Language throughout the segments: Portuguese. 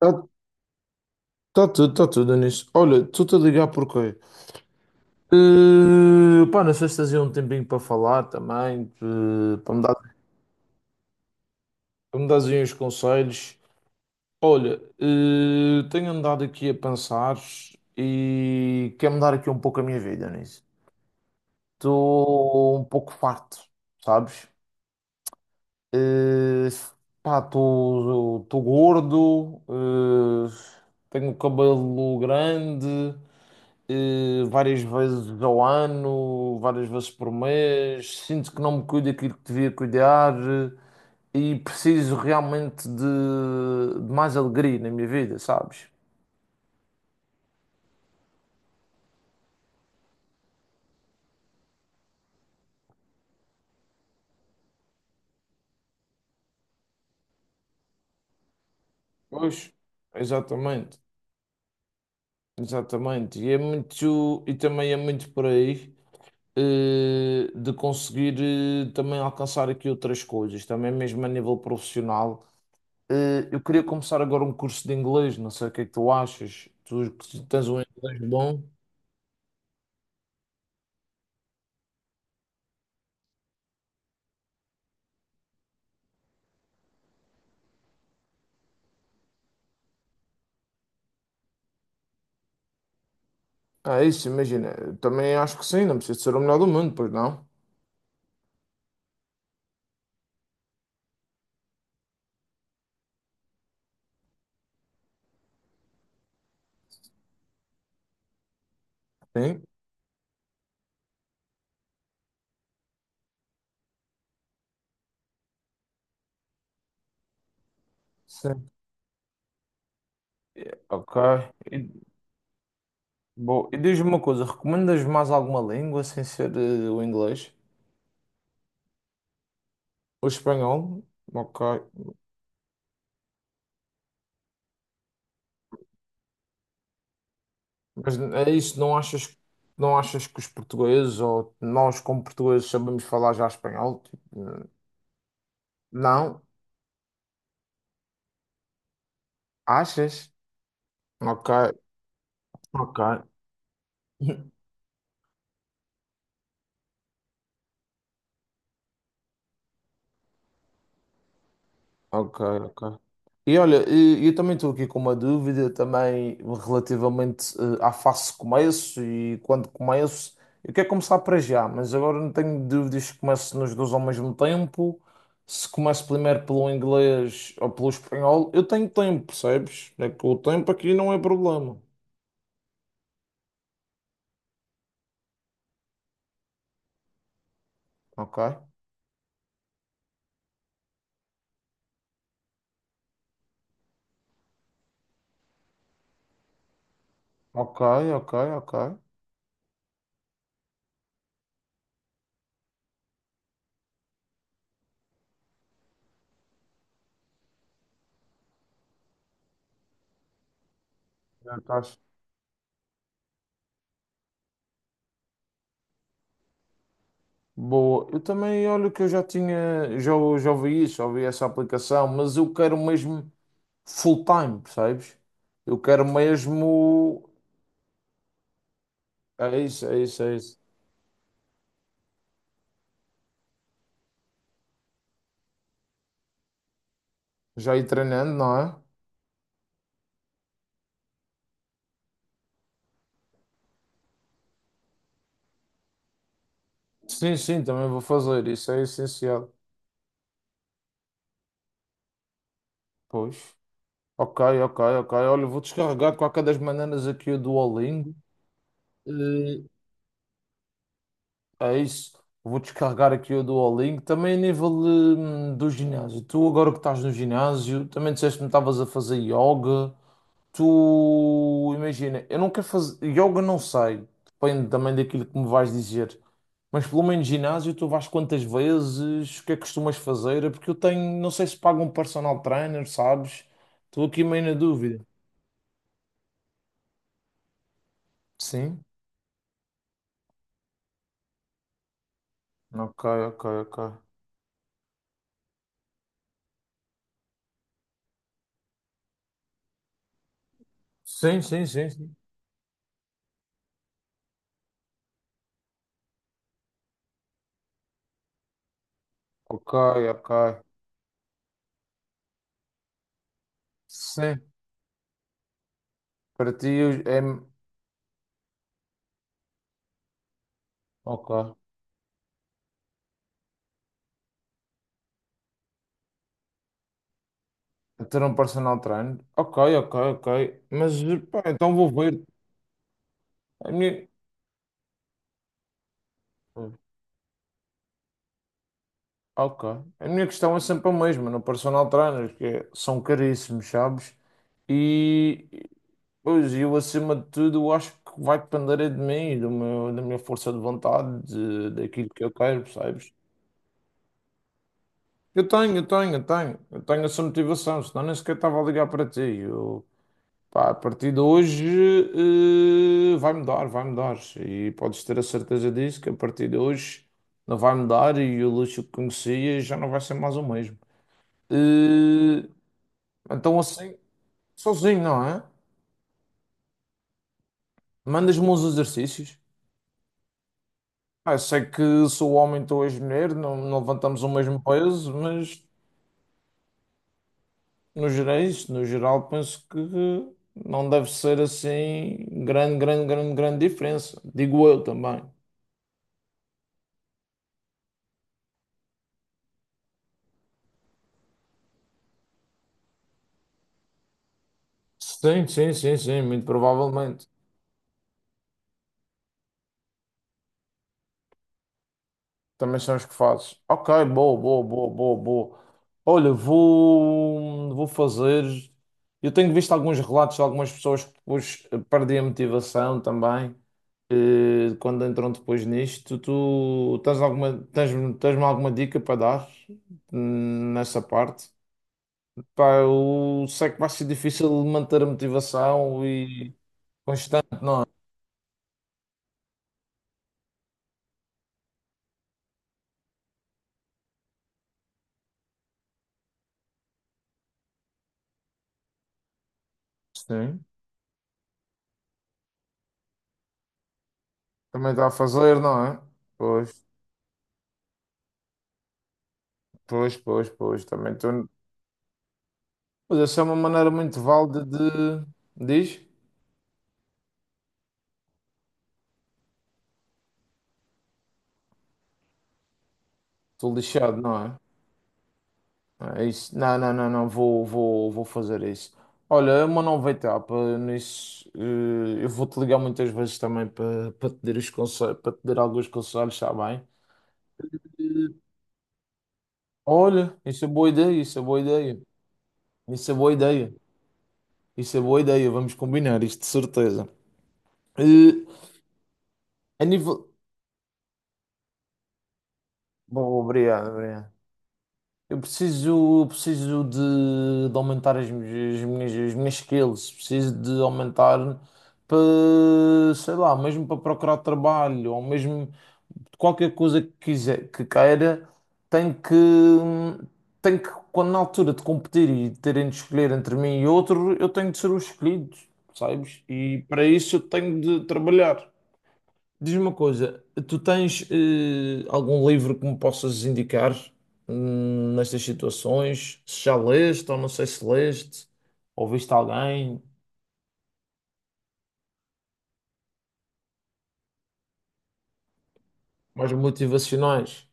Está tá tudo, está tudo nisso. Olha, estou-te a ligar porquê? Pá, na sexta fazia um tempinho para falar também, para me dar aí uns conselhos. Olha, tenho andado aqui a pensar e quero mudar aqui um pouco a minha vida nisso. Estou um pouco farto, sabes? Eh, Pá, estou gordo, tenho o cabelo grande. Eh, várias vezes ao ano, várias vezes por mês. Sinto que não me cuido daquilo que devia cuidar e preciso realmente de mais alegria na minha vida, sabes? Pois. Exatamente, exatamente. E é muito, e também é muito por aí, de conseguir, também alcançar aqui outras coisas, também mesmo a nível profissional. Eu queria começar agora um curso de inglês, não sei o que é que tu achas. Tu que tens um inglês bom. Ah isso, imagina. Também acho que sim, não precisa de ser o melhor do mundo, pois não? Sim, sim. Ok. E bom, e diz-me uma coisa, recomendas mais alguma língua sem ser o inglês? O espanhol? Ok. Mas é isso, não achas que os portugueses ou nós como portugueses sabemos falar já espanhol? Tipo, não? Achas? Ok, ok. Ok, ok. E olha, eu também estou aqui com uma dúvida também relativamente à fase de começo e quando começo. Eu quero começar para já, mas agora não tenho dúvidas se começo nos dois ao mesmo tempo, se começo primeiro pelo inglês ou pelo espanhol. Eu tenho tempo, percebes? É que o tempo aqui não é problema. Ok, ok, ok, ok. Já estás. Boa, eu também olho que eu já ouvi isso, já ouvi essa aplicação, mas eu quero mesmo. Full time, percebes? Eu quero mesmo. É isso, é isso, é isso. Já ir treinando, não é? Sim, sim, também vou fazer. Isso é essencial. Pois. Ok, ok, ok. Olha, vou descarregar de qualquer das maneiras aqui o Duolingo. Eh, É isso. Vou descarregar aqui o Duolingo. Também a nível do ginásio. Tu agora que estás no ginásio, também disseste-me que estavas a fazer yoga. Tu imagina, eu não quero fazer. Yoga não sei. Depende também daquilo que me vais dizer. Mas pelo menos ginásio tu vais quantas vezes? O que é que costumas fazer? Porque eu tenho, não sei se pago um personal trainer, sabes? Estou aqui meio na dúvida. Sim? Ok, ok, ok. Sim, sim, sim, sim. Ok, ok. Sim. Para ti é. Ok. Ter um personal trainer. Ok, ok, ok. Mas pá, então vou ver. A minha... Ok. A minha questão é sempre a mesma no personal trainer, são caríssimos, sabes? E pois, eu acima de tudo eu acho que vai depender é de mim, do meu, da minha força de vontade, daquilo que eu quero, percebes? Eu tenho essa motivação, senão nem sequer estava a ligar para ti. Eu, pá, a partir de hoje vai mudar. E podes ter a certeza disso, que a partir de hoje não vai mudar e o luxo que conhecia já não vai ser mais o mesmo. Eh, então assim, sozinho, não é? Mandas-me uns exercícios. Ah, sei que sou homem, estou és mulher não, não levantamos o mesmo peso, mas no geral, no geral penso que não deve ser assim grande diferença. Digo eu também. Sim, sim, sim, sim, muito provavelmente. Também são os que fazes. Ok, boa. Olha, vou fazer. Eu tenho visto alguns relatos de algumas pessoas que depois perdem a motivação também, quando entram depois nisto. Tu tens-me alguma dica para dar nessa parte? Pá, eu sei que vai ser difícil manter a motivação e constante, não é? Sim. Também está a fazer, não é? Pois, pois, pois, pois. Também estou. Mas essa é uma maneira muito válida de. Diz? Estou lixado, não é? É isso. Não, não, não, não, vou fazer isso. Olha, é uma nova etapa nisso. Eu vou-te ligar muitas vezes também para te dar os conselhos, para te dar alguns conselhos, está bem? Eh, Olha, isso é boa ideia. Isso é boa ideia. Isso é boa ideia. Vamos combinar isto, de certeza. Eh, A nível. Bom, obrigado, obrigado. Eu preciso, eu preciso de aumentar as minhas skills, preciso de aumentar para, sei lá, mesmo para procurar trabalho, ou mesmo qualquer coisa que queira, tem que, tem que, quando na altura de competir e terem de escolher entre mim e outro, eu tenho de ser o escolhido, sabes? E para isso eu tenho de trabalhar. Diz-me uma coisa, tu tens algum livro que me possas indicar nestas situações? Se já leste ou não sei se leste, ou viste alguém, mais motivacionais?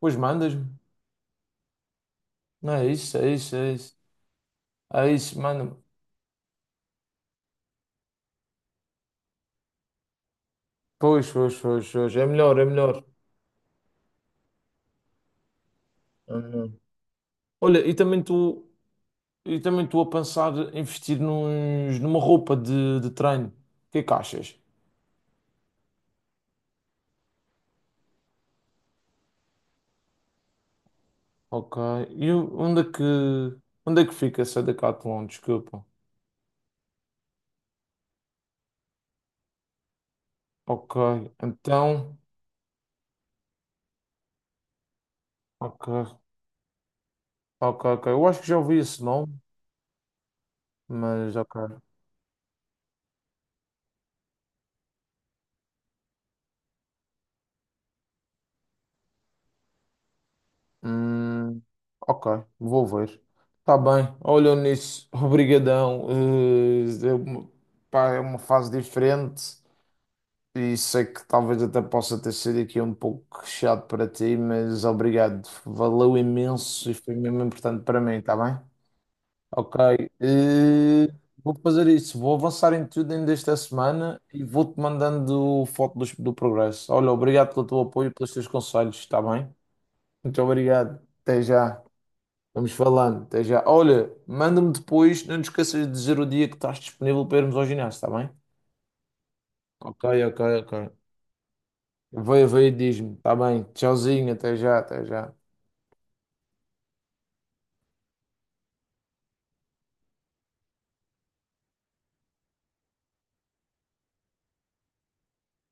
Pois mandas-me. Não é isso, é isso, é isso. É isso, manda-me. Pois, pois, pois, pois. É melhor, é melhor. Uhum. Olha, e também tu, e também estou a pensar em investir nos, numa roupa de treino. O que é que achas? Ok. E o- onde é que, onde é que fica essa Decathlon? Desculpa. Ok. Então. Ok. Ok, ok. Eu acho que já ouvi esse nome, mas ok. Hum, ok. Vou ver. Tá bem. Olha nisso. Obrigadão. É uma, pá, é uma fase diferente. E sei que talvez até possa ter sido aqui um pouco chato para ti, mas obrigado. Valeu imenso e foi mesmo importante para mim, tá bem? Ok, eh, vou fazer isso. Vou avançar em tudo ainda esta semana e vou-te mandando foto do, do progresso. Olha, obrigado pelo teu apoio e pelos teus conselhos, está bem? Muito obrigado. Até já. Vamos falando. Até já. Olha, manda-me depois. Não te esqueças de dizer o dia que estás disponível para irmos ao ginásio, está bem? Ok, ok, ok. Vai, vai, diz-me. Está bem. Tchauzinho. Até já, até já.